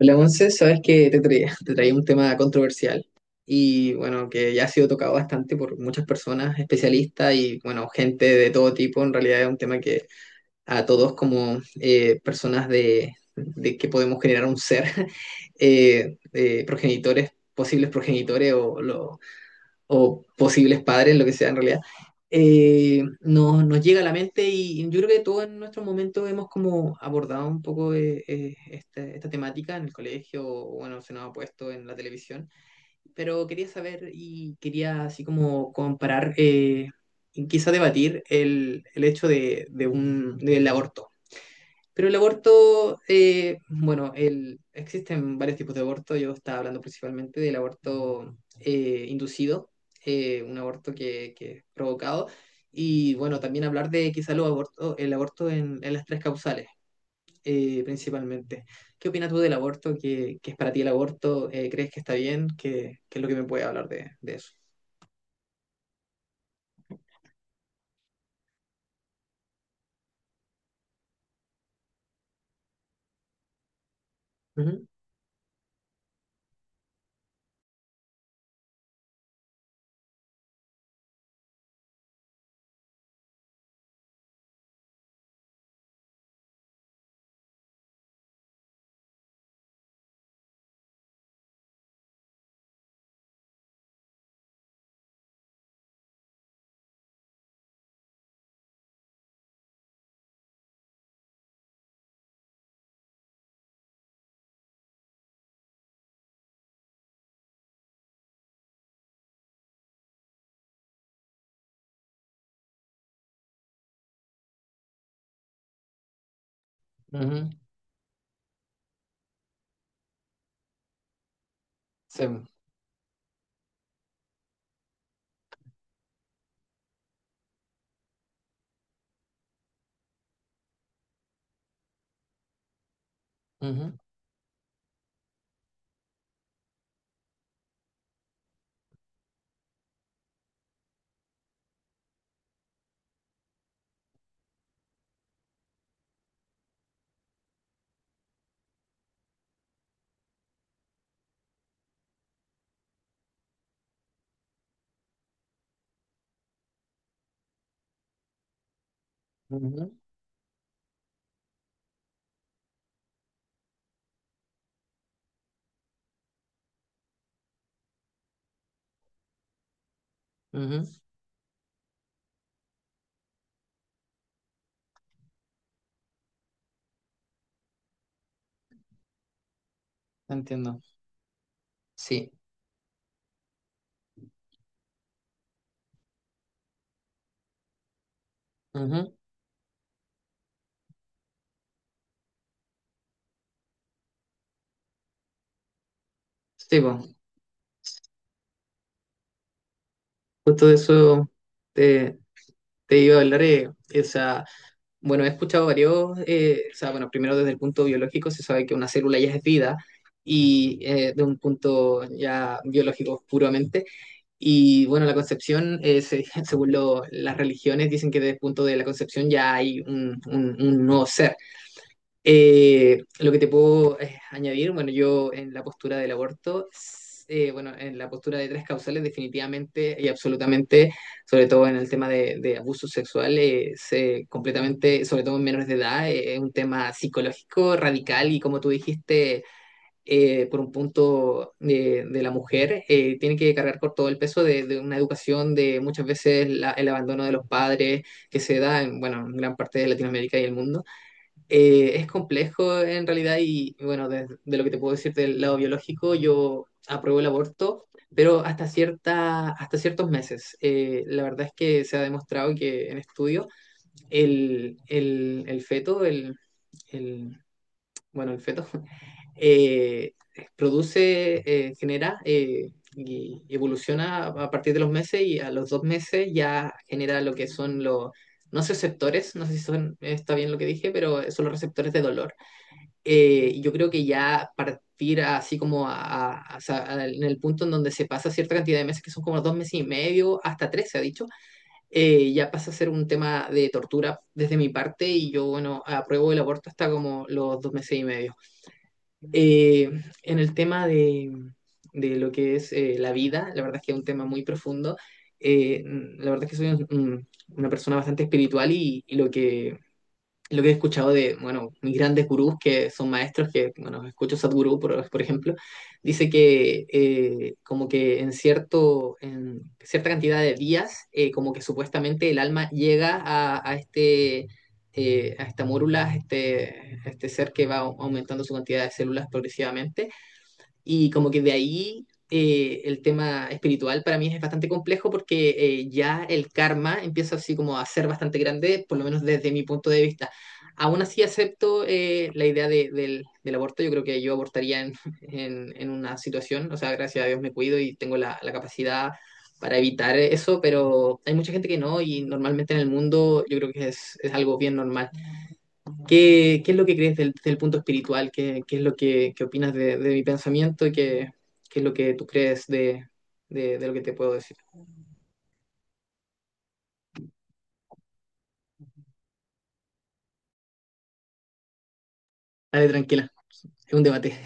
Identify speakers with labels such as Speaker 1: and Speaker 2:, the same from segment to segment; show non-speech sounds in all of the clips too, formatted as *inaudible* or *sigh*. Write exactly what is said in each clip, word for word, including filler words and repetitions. Speaker 1: Hola, once sabes que te traía, te traía un tema controversial y bueno, que ya ha sido tocado bastante por muchas personas, especialistas y bueno, gente de todo tipo. En realidad es un tema que a todos como eh, personas de, de que podemos generar un ser, *laughs* eh, eh, progenitores, posibles progenitores o lo- o posibles padres, lo que sea en realidad, eh, nos, nos llega a la mente y yo creo que todos en nuestro momento hemos como abordado un poco eh, eh, esta, esta temática en el colegio, o, bueno, se nos ha puesto en la televisión, pero quería saber y quería así como comparar, eh, y quizá debatir el, el hecho de, de un, del aborto, pero el aborto, eh, bueno, el, existen varios tipos de aborto. Yo estaba hablando principalmente del aborto eh, inducido, eh, un aborto que, que es provocado. Y bueno, también hablar de quizá los aborto, el aborto en, en las tres causales, eh, principalmente. ¿Qué opinas tú del aborto? ¿Qué, qué es para ti el aborto? Eh, ¿crees que está bien? ¿Qué, qué es lo que me puede hablar de, de eso? Ujú, ujú, sí, ujú, ujú, ujú. Entiendo. Sí. Ujú. Sí, po. Justo de eso te, te iba a hablar. eh, o sea, bueno, he escuchado varios, eh, o sea, bueno, primero desde el punto biológico se sabe que una célula ya es vida y eh, de un punto ya biológico puramente. Y bueno, la concepción, eh, se- *laughs* según lo- las religiones, dicen que desde el punto de la concepción ya hay un, un un nuevo ser. Eh, lo que te puedo eh, añadir, bueno, yo en la postura del aborto, s- eh, bueno, en la postura de tres causales, definitivamente y absolutamente, sobre todo en el tema de, de abuso sexual, eh, se completamente, sobre todo en menores de edad, eh, es un tema psicológico, radical y como tú dijiste, eh, por un punto de, de la mujer, eh, tiene que cargar con todo el peso de, de una educación, de muchas veces la- el abandono de los padres que se da en, bueno, en gran parte de Latinoamérica y el mundo. Eh, es complejo en realidad y bueno, de, de lo que te puedo decir del lado biológico, yo apruebo el aborto, pero hasta cierta, hasta ciertos meses. Eh, la verdad es que se ha demostrado que en estudio el, el, el feto, el, el- bueno, el feto, *laughs* eh, produce, eh, genera eh, y evoluciona a partir de los meses y a los dos meses ya genera lo que son los, no sé, receptores, no sé si son, está bien lo que dije, pero son los receptores de dolor. Eh, yo creo que ya partir así como a- a- a- sa- a- en el punto en donde se pasa cierta cantidad de meses, que son como dos meses y medio, hasta tres se ha dicho, eh, ya pasa a ser un tema de tortura desde mi parte y yo, bueno, apruebo el aborto hasta como los dos meses y medio. Eh, en el tema de, de lo que es eh, la vida, la verdad es que es un tema muy profundo. Eh, mm, la verdad es que soy un- un- una persona bastante espiritual y, y lo que lo que he escuchado de, bueno, mis grandes gurús que son maestros, que, bueno, escucho Sadhguru, por, por ejemplo, dice que eh, como que en cierto, en cierta cantidad de días, eh, como que supuestamente el alma llega a, a este, eh, a esta mórula, a este, a este ser que va au- aumentando su cantidad de células progresivamente, y como que de ahí eh, el tema espiritual para mí es bastante complejo porque eh, ya el karma empieza así como a ser bastante grande, por lo menos desde mi punto de vista. Aún así acepto eh, la idea de- del, del aborto. Yo creo que yo abortaría en, en- en una situación. O sea, gracias a Dios me cuido y tengo la, la capacidad para evitar eso, pero hay mucha gente que no y normalmente en el mundo yo creo que es, es algo bien normal. ¿Qué, qué es lo que crees del, del punto espiritual? ¿Qué, qué es lo que, qué opinas de, de mi pensamiento? Y ¿Qué, qué es lo que tú crees de, de, de lo que te puedo decir? Dale, tranquila, es un debate.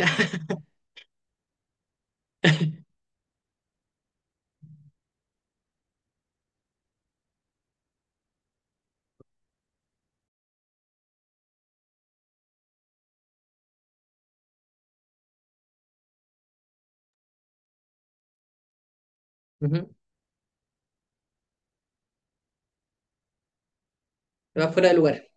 Speaker 1: *laughs* Ujú. Te fuera de lugar.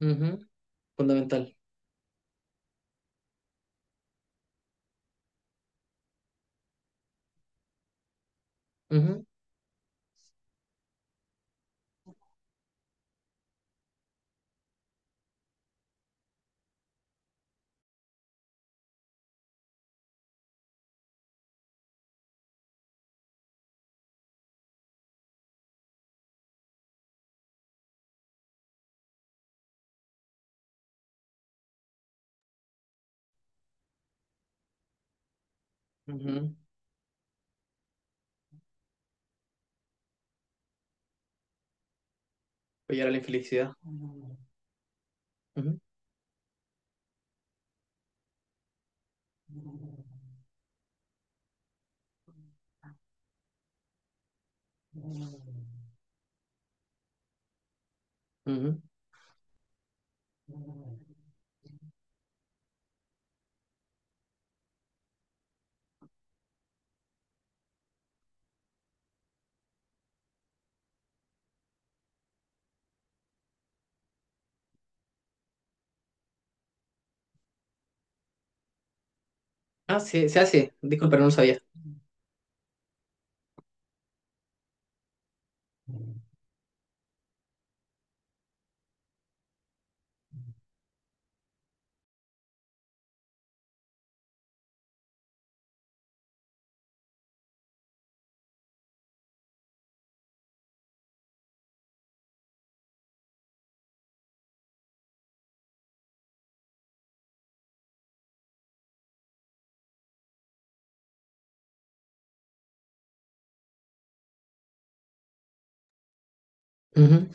Speaker 1: Ujú. Fundamental. Ujú. Ujú. Apoyar a la infelicidad. Ujú. Ujú. Ah, sí, se hace. Disculpa, no lo sabía. Ujú.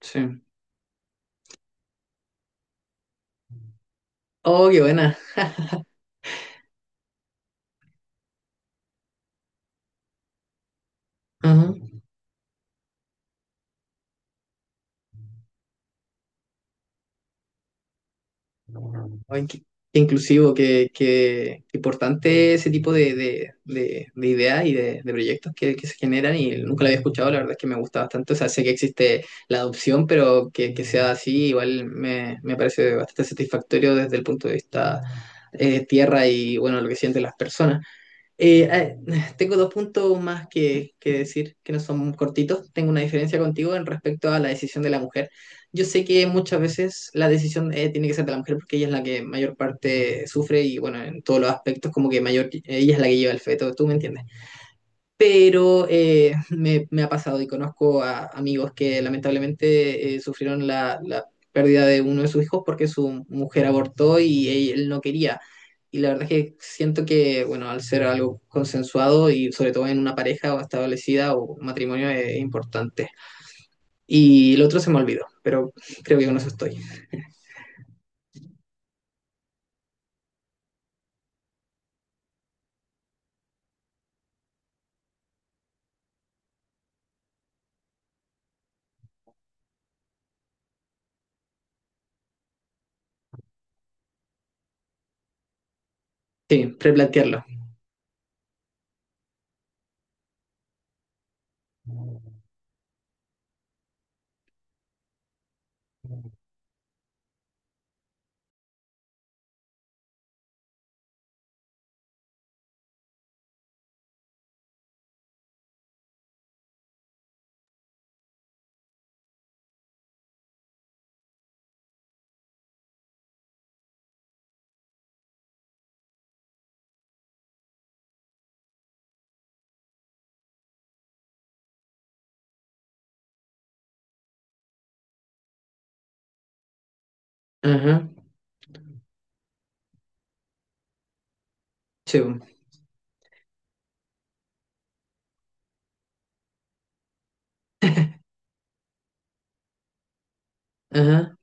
Speaker 1: Sí. Oh, qué buena. Ujú. Ay, qué- qué inclusivo, qué, qué importante ese tipo de, de, de- de ideas y de, de proyectos que, que se generan y nunca lo había escuchado, la verdad es que me gusta bastante, o sea, sé que existe la adopción, pero que, que sea así igual me, me parece bastante satisfactorio desde el punto de vista eh, tierra y bueno, lo que sienten las personas. Eh, eh, *sighs* tengo dos puntos más que, que decir, que no son cortitos. Tengo una diferencia contigo en respecto a la decisión de la mujer. Yo sé que muchas veces la decisión eh, tiene que ser de la mujer porque ella es la que mayor parte sufre y bueno, en todos los aspectos como que mayor, ella es la que lleva el feto, ¿tú me entiendes? Pero eh, me, me ha pasado y conozco a amigos que lamentablemente eh, sufrieron la, la pérdida de uno de sus hijos porque su mujer abortó y él no quería. Y la verdad es que siento que, bueno, al ser algo consensuado y sobre todo en una pareja o establecida o matrimonio es importante. Y el otro se me olvidó, pero creo que con eso estoy. Sí, replantearlo. Ajá, sí, ajá,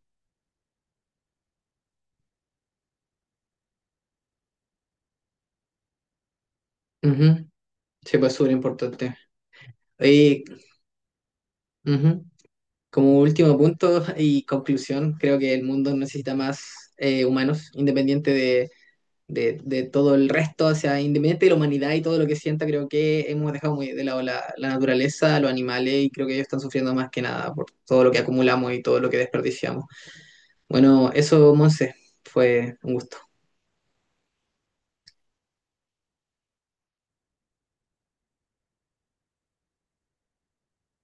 Speaker 1: ujú. Sí, pues súper importante. Y, ujú. Como último punto y conclusión, creo que el mundo necesita más eh, humanos, independiente de, de- de todo el resto, o sea, independiente de la humanidad y todo lo que sienta, creo que hemos dejado muy de lado la, la naturaleza, los animales, y creo que ellos están sufriendo más que nada por todo lo que acumulamos y todo lo que desperdiciamos. Bueno, eso, Monse, fue un gusto.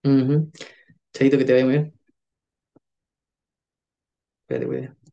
Speaker 1: Ujú. Chaito, que te vaya muy bien. Cuídate, cuídate.